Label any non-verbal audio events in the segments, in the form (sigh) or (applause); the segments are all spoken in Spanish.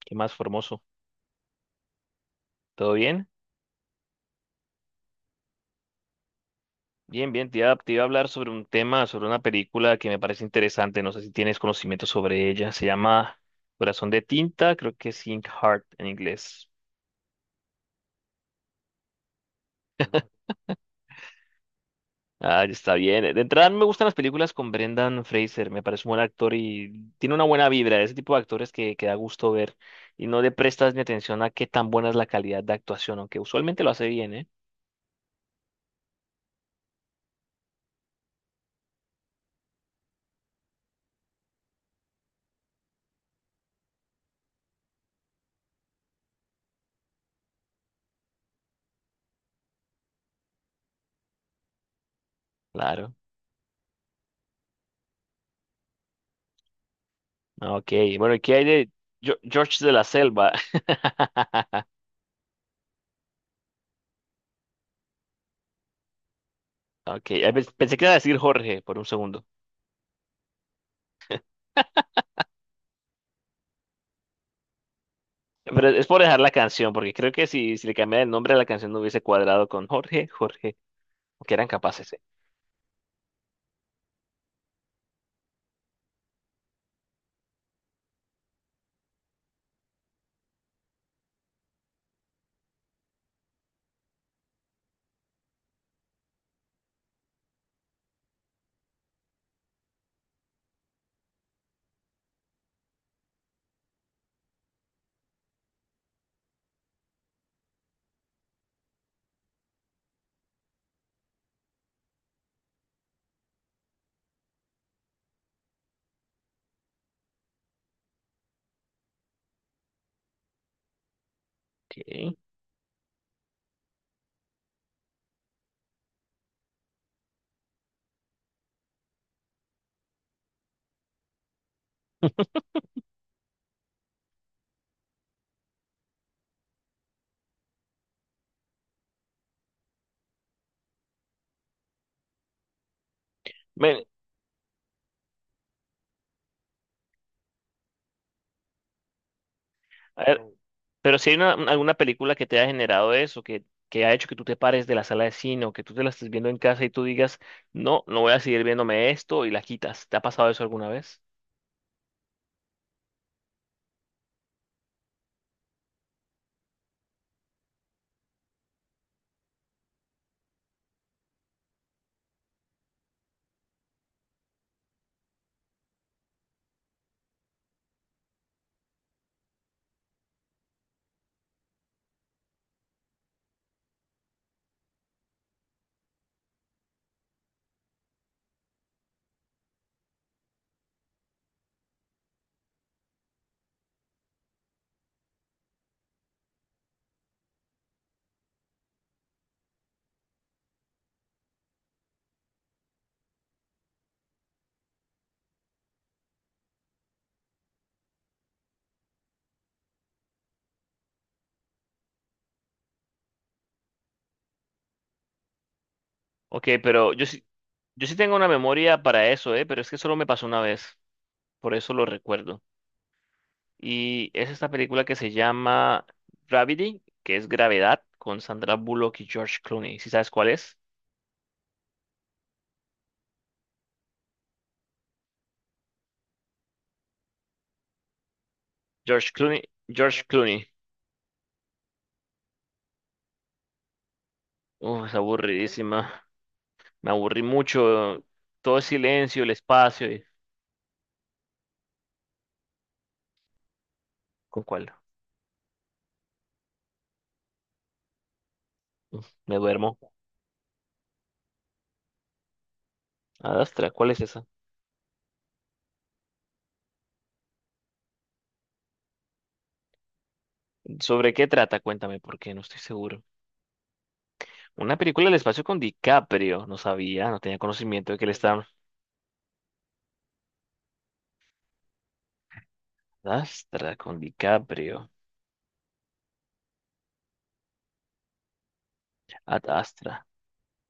¿Qué más, Formoso? ¿Todo bien? Bien, bien. Te iba a hablar sobre un tema, sobre una película que me parece interesante. No sé si tienes conocimiento sobre ella. Se llama Corazón de Tinta, creo que es Ink Heart en inglés. Ah, ya está bien. De entrada, me gustan las películas con Brendan Fraser. Me parece un buen actor y tiene una buena vibra. Ese tipo de actores que da gusto ver y no le prestas ni atención a qué tan buena es la calidad de actuación, aunque usualmente lo hace bien, ¿eh? Claro. Ah, ok. Bueno, ¿y qué hay de George de la Selva? (laughs) Ok, pensé que iba a decir Jorge por un segundo. Pero es por dejar la canción, porque creo que si le cambiara el nombre a la canción no hubiese cuadrado con Jorge, Jorge, que eran capaces. Ok. Ven, a ver, pero si hay alguna película que te ha generado eso, que ha hecho que tú te pares de la sala de cine o que tú te la estés viendo en casa y tú digas, no voy a seguir viéndome esto y la quitas. ¿Te ha pasado eso alguna vez? Ok, yo sí tengo una memoria para eso, ¿eh? Pero es que solo me pasó una vez, por eso lo recuerdo. Y es esta película que se llama Gravity, que es Gravedad, con Sandra Bullock y George Clooney. ¿Sí sabes cuál es? George Clooney. George Clooney. Uf, es aburridísima. Me aburrí mucho. Todo el silencio, el espacio. ¿Con cuál? Uf, me duermo. Adastra, ¿cuál es esa? ¿Sobre qué trata? Cuéntame, porque no estoy seguro. Una película del espacio con DiCaprio. No sabía, no tenía conocimiento de que él estaba. Adastra, con DiCaprio. Adastra.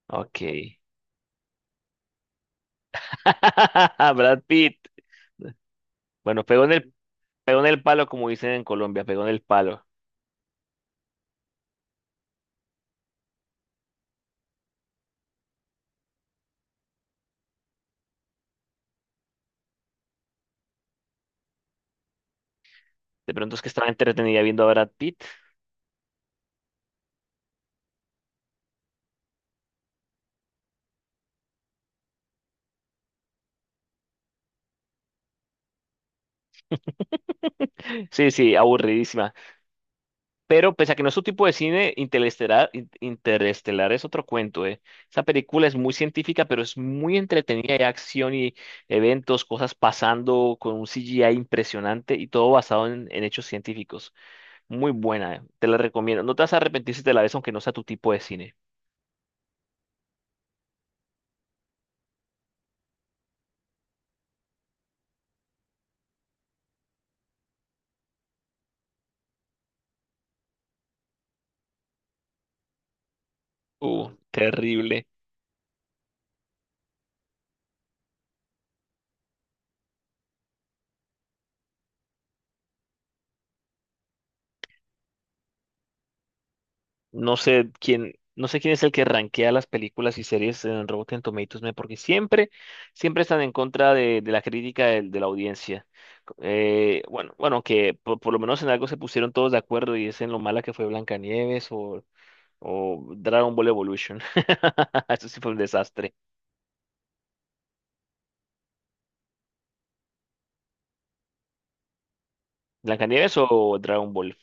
Ok. (laughs) Brad Pitt. Bueno, pegó en el palo, como dicen en Colombia, pegó en el palo. De pronto es que estaba entretenida viendo a Brad Pitt. (laughs) Sí, sí, aburridísima. Pero pese a que no es su tipo de cine, Interestelar, Interestelar es otro cuento, ¿eh? Esa película es muy científica, pero es muy entretenida. Hay acción y eventos, cosas pasando con un CGI impresionante y todo basado en hechos científicos. Muy buena, ¿eh? Te la recomiendo. No te vas a arrepentir si te la ves, aunque no sea tu tipo de cine. Terrible. No sé quién es el que rankea las películas y series en Rotten Tomatoes, ¿no? Siempre están en contra de la crítica de la audiencia. Por lo menos en algo se pusieron todos de acuerdo y es en lo mala que fue Blancanieves o Dragon Ball Evolution. (laughs) Eso sí fue un desastre. ¿Blancanieves o Dragon Ball?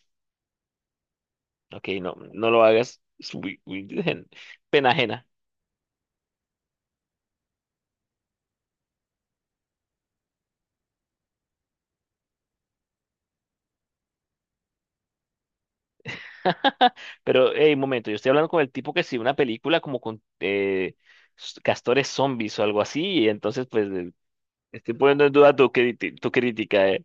Ok, no, no lo hagas. Es muy (laughs) pena ajena. (laughs) Pero, hey, un momento, yo estoy hablando con el tipo que sí, una película como con castores zombies o algo así, y entonces, pues, estoy poniendo en duda tu, tu crítica, eh.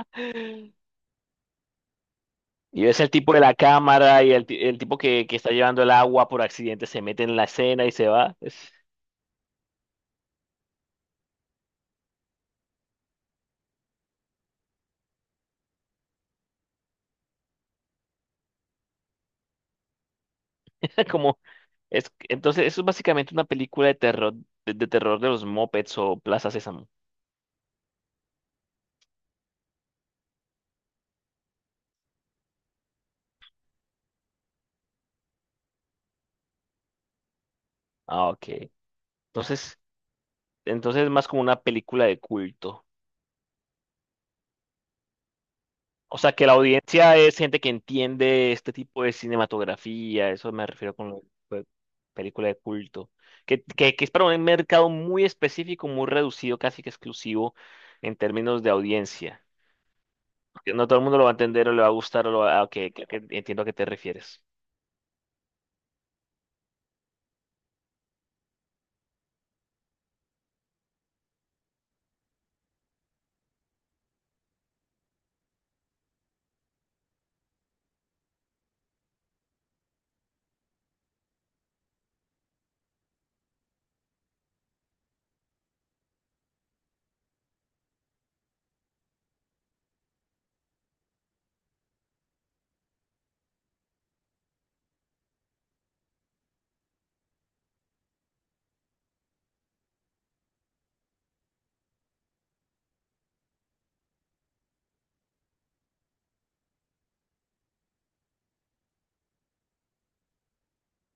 (laughs) Y ves el tipo de la cámara y el tipo que está llevando el agua por accidente se mete en la escena y se va. Es (laughs) como, es, entonces, eso es básicamente una película de terror, de terror de los Muppets o Plaza Sésamo. Ah, ok. Entonces, entonces es más como una película de culto. O sea, que la audiencia es gente que entiende este tipo de cinematografía, eso me refiero con lo de película de culto, que es para un mercado muy específico, muy reducido, casi que exclusivo en términos de audiencia. Porque no todo el mundo lo va a entender o le va a gustar, o lo va a que entiendo a qué te refieres.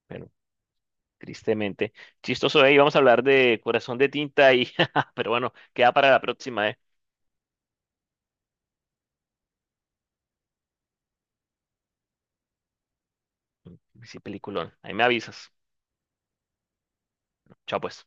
Bueno, tristemente. Chistoso, ahí vamos a hablar de Corazón de Tinta y... (laughs) Pero bueno, queda para la próxima, ¿eh? Sí, peliculón. Ahí me avisas. Chao, pues.